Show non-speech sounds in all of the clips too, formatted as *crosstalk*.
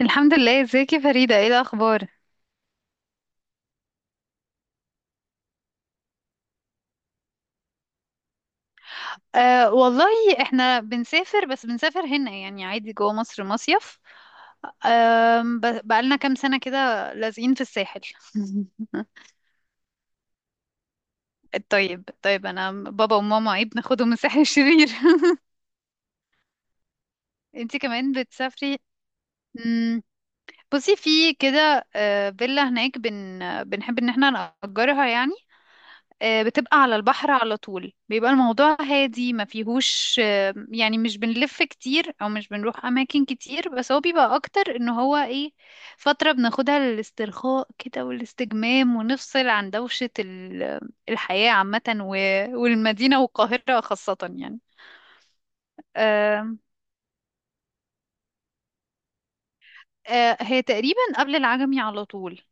الحمد لله، ازيك يا فريدة؟ ايه الأخبار؟ آه والله احنا بنسافر، بس بنسافر هنا يعني عادي جوه مصر مصيف. آه، بقالنا كام سنة كده لازقين في الساحل. *laughs* طيب طيب، انا بابا وماما ايه بناخدهم من الساحل الشرير. *laughs* انتي كمان بتسافري؟ مم، بصي في كده. فيلا هناك بنحب ان احنا نأجرها يعني. بتبقى على البحر على طول، بيبقى الموضوع هادي ما فيهوش. يعني مش بنلف كتير او مش بنروح اماكن كتير، بس هو بيبقى اكتر ان هو ايه، فترة بناخدها للاسترخاء كده والاستجمام، ونفصل عن دوشة الحياة عامة والمدينة والقاهرة خاصة يعني. آه، هي تقريبا قبل العجمي على طول.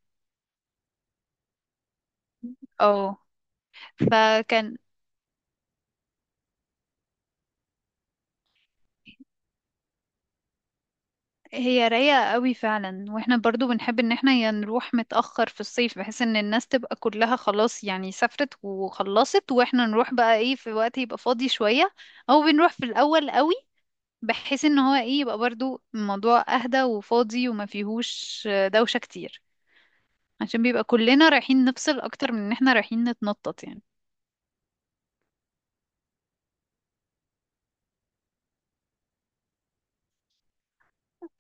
اه فكان، هي رايقة قوي فعلا، واحنا برضو بنحب ان احنا يا نروح متأخر في الصيف بحيث ان الناس تبقى كلها خلاص يعني سافرت وخلصت، واحنا نروح بقى ايه في وقت يبقى فاضي شوية، او بنروح في الاول قوي بحيث ان هو ايه يبقى برضو الموضوع اهدى وفاضي وما فيهوش دوشة كتير، عشان بيبقى كلنا رايحين نفصل اكتر من ان احنا رايحين نتنطط يعني.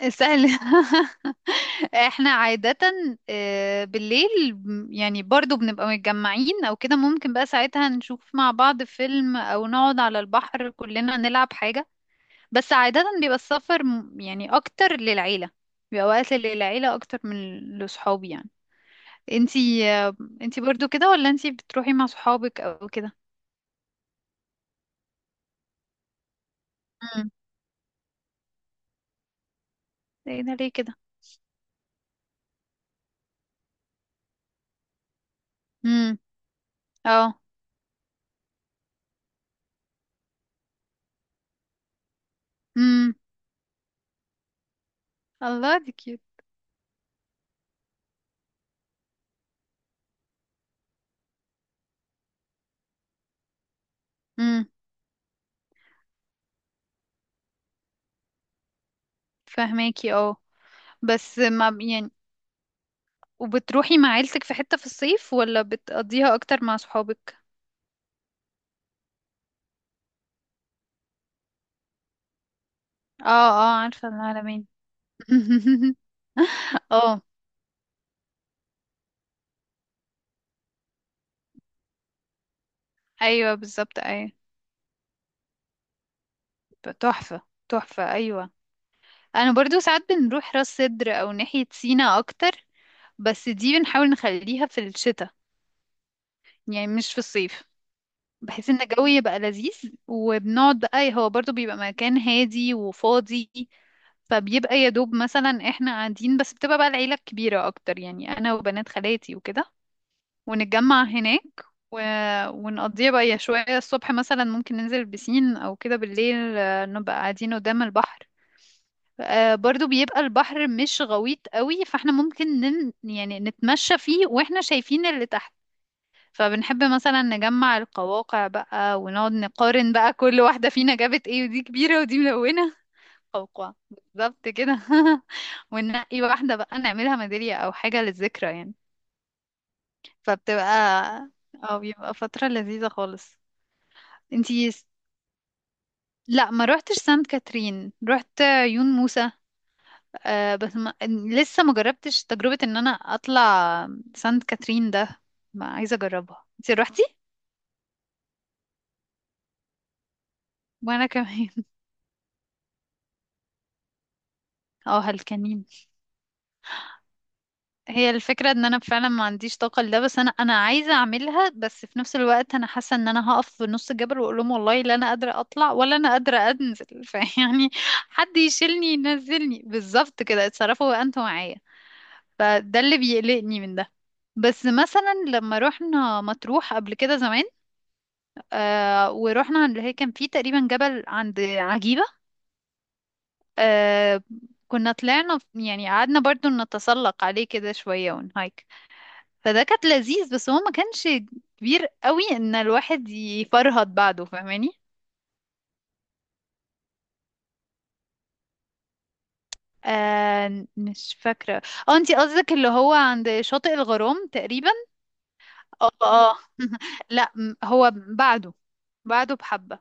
اسأل. *laughs* احنا عادة بالليل يعني برضو بنبقى متجمعين او كده، ممكن بقى ساعتها نشوف مع بعض فيلم او نقعد على البحر كلنا نلعب حاجة. بس عادة بيبقى السفر يعني اكتر للعيلة، بيبقى وقت للعيلة اكتر من لصحابي يعني. انتي انتي برضو كده ولا انتي بتروحي مع صحابك او كده؟ امم. ايه ده ليه كده؟ امم. اه. امم. الله، دي كيوت. امم. فهماكي. اه بس ما يعني، وبتروحي مع عيلتك في حتة في الصيف ولا بتقضيها اكتر مع صحابك؟ اه اه، عارفة العلمين. *laughs* اه، ايوه بالظبط ايوه. تحفة. تحفة، ايوه. انا برضو ساعات بنروح راس سدر او ناحية سينا اكتر، بس دي بنحاول نخليها في الشتاء، يعني مش في الصيف، بحيث ان الجو يبقى لذيذ. وبنقعد بقى، هو برضو بيبقى مكان هادي وفاضي، فبيبقى يا دوب مثلا احنا قاعدين، بس بتبقى بقى العيلة الكبيرة اكتر يعني، انا وبنات خالاتي وكده، ونتجمع هناك. و... ونقضيها بقى يا شوية الصبح مثلا ممكن ننزل البسين أو كده، بالليل نبقى قاعدين قدام البحر. برضو بيبقى البحر مش غويط قوي، فاحنا ممكن يعني نتمشى فيه واحنا شايفين اللي تحت. فبنحب مثلا نجمع القواقع بقى ونقعد نقارن بقى كل واحدة فينا جابت ايه، ودي كبيرة ودي ملونة. قوقعة بالظبط كده. *laughs* وننقي واحدة بقى نعملها ميدالية أو حاجة للذكرى يعني. فبتبقى، اه بيبقى فترة لذيذة خالص. انتي س- لا ما روحتش سانت كاترين، روحت عيون موسى. آه بس ما... لسه ما جربتش تجربة ان انا اطلع سانت كاترين ده، ما عايزة اجربها. انتي روحتي؟ وانا كمان. *laughs* اه هلكانين. هي الفكرة ان انا فعلا ما عنديش طاقة لده، بس انا عايزة اعملها، بس في نفس الوقت انا حاسة ان انا هقف في نص الجبل واقول لهم والله لا انا قادرة اطلع ولا انا قادرة انزل. *laughs* فيعني حد يشيلني ينزلني بالظبط كده، اتصرفوا انتوا معايا. فده اللي بيقلقني من ده. بس مثلا لما رحنا مطروح قبل كده زمان، آه ورحنا اللي هي كان فيه تقريبا جبل عند عجيبة. آه، كنا طلعنا يعني قعدنا برضو نتسلق عليه كده شوية ونهايك، فده كانت لذيذ، بس هو ما كانش كبير قوي ان الواحد يفرهد بعده. فاهماني؟ آه مش فاكرة. اه انتي قصدك اللي هو عند شاطئ الغرام تقريبا. اه اه. *laughs* لا هو بعده، بعده بحبة.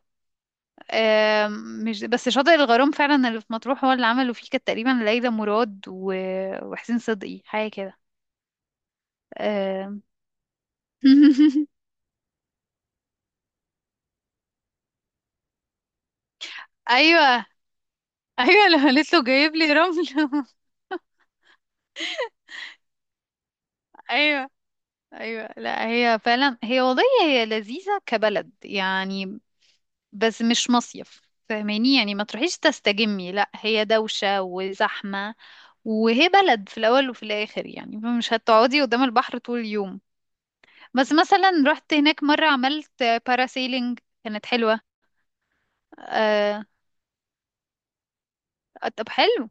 آه، مش بس شاطئ الغرام فعلا اللي في مطروح هو اللي عملوا فيه، كانت تقريبا ليلى مراد وحسين صدقي حاجة كده. آه. *laughs* ايوه ايوه، اللي قالت له جايب لي رمل. *laughs* ايوه ايوه، لا هي فعلا، هي والله هي لذيذه كبلد يعني، بس مش مصيف. فاهماني يعني؟ ما تروحيش تستجمي، لا هي دوشه وزحمه، وهي بلد في الاول وفي الاخر يعني، فمش هتقعدي قدام البحر طول اليوم. بس مثلا رحت هناك مره عملت باراسيلينج، كانت حلوه. آه، طب حلو.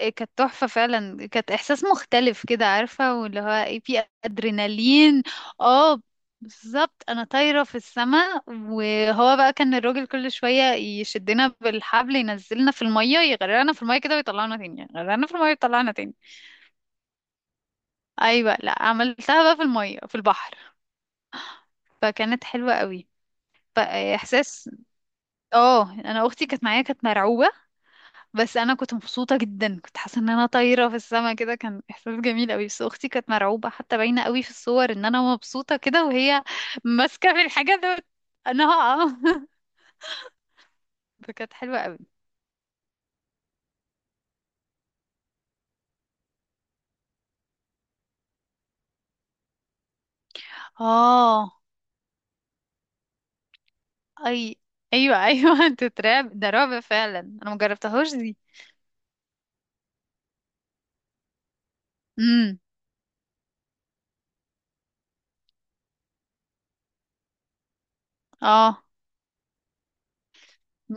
إيه كانت تحفة فعلا، كانت إحساس مختلف كده عارفة، واللي هو ايه في أدرينالين. اه بالظبط، أنا طايرة في السماء، وهو بقى كان الراجل كل شوية يشدنا بالحبل، ينزلنا في المية يغرقنا في المية كده ويطلعنا تاني، يغرقنا في المية ويطلعنا تاني. أيوة، لا عملتها بقى في المية في البحر، فكانت حلوة قوي. فإحساس، اه أنا أختي كانت معايا كانت مرعوبة. بس انا كنت مبسوطه جدا، كنت حاسه ان انا طايره في السما كده، كان احساس جميل قوي، بس اختي كانت مرعوبه، حتى باينه قوي في الصور ان انا مبسوطه كده وهي ماسكه في الحاجه ده انا هقع. *laughs* فكانت حلوه قوي. اه اي، ايوه ايوه. *laughs* تترعب، ده رعب فعلا، انا مجربتهاش دي. امم. اه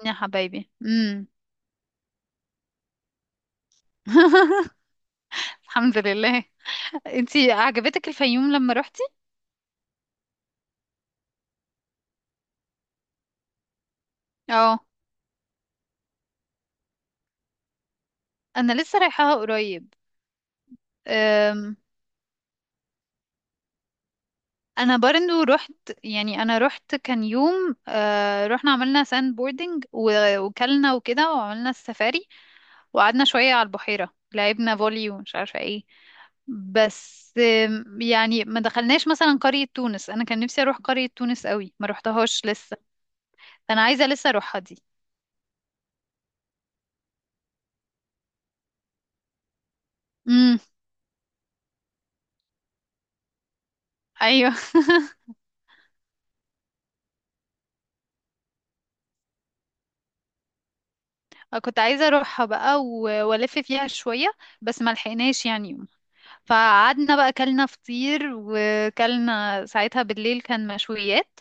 يا حبايبي. امم. *laughs* الحمد لله. انتي عجبتك الفيوم لما روحتي؟ اه، انا لسه رايحاها قريب. انا برضو رحت، يعني انا رحت كان يوم آه رحنا عملنا ساند بوردنج وكلنا وكده وعملنا السفاري، وقعدنا شوية على البحيرة لعبنا فولي ومش عارفة ايه. بس يعني ما دخلناش مثلا قرية تونس، انا كان نفسي اروح قرية تونس قوي، ما روحتهاش لسه، انا عايزة لسه اروحها دي. امم. ايوه. *laughs* كنت عايزة اروحها بقى والف فيها شوية، بس ما لحقناش يعني. فقعدنا بقى كلنا فطير، وكلنا ساعتها بالليل كان مشويات،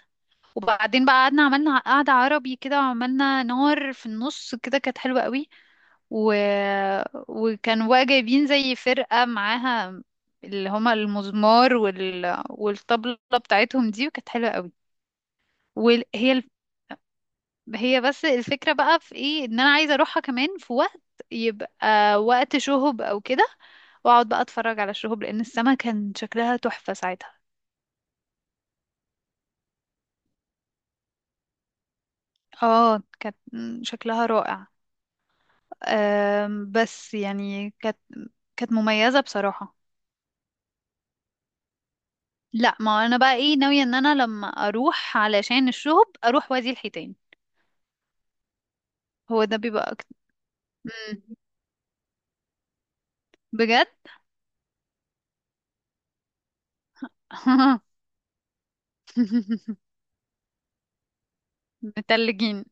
وبعدين بقى قعدنا عملنا قعدة عربي كده، وعملنا نار في النص كده، كانت حلوة قوي. و... وكانوا بقى جايبين زي فرقة معاها، اللي هما المزمار والطبلة بتاعتهم دي، وكانت حلوة قوي. وهي ال... هي بس الفكرة بقى في ايه، ان انا عايزة اروحها كمان في وقت يبقى وقت شهب او كده، واقعد بقى اتفرج على الشهب، لان السما كان شكلها تحفة ساعتها. اه كانت شكلها رائع. بس يعني كانت، كانت مميزة بصراحة. لا ما انا بقى ايه ناوية ان انا لما اروح علشان الشهب اروح وادي الحيتان. هو ده بيبقى اكتر. مم. بجد. *laughs* متلجين.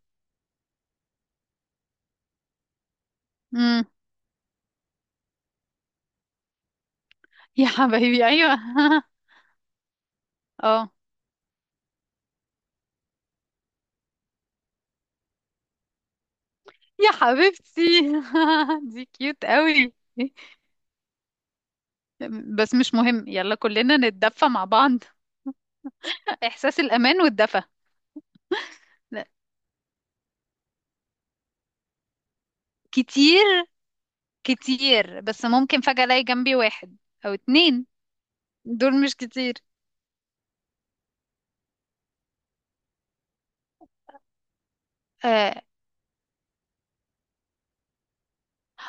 مم. يا حبايبي ايوه. *laughs* اه. يا حبيبتي. *laughs* دي كيوت قوي. بس مش مهم، يلا كلنا نتدفى مع بعض. *laughs* احساس الامان والدفى. لا، كتير. كتير، بس ممكن فجأة الاقي جنبي واحد او اتنين، دول مش كتير. اه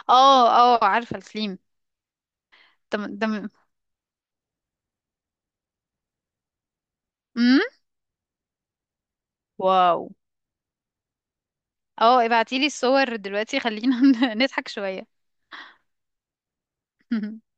اه. عارفة الكليم. ده. امم. واو. اه ابعتيلي الصور دلوقتي خلينا *laughs* نضحك شوية. *laughs*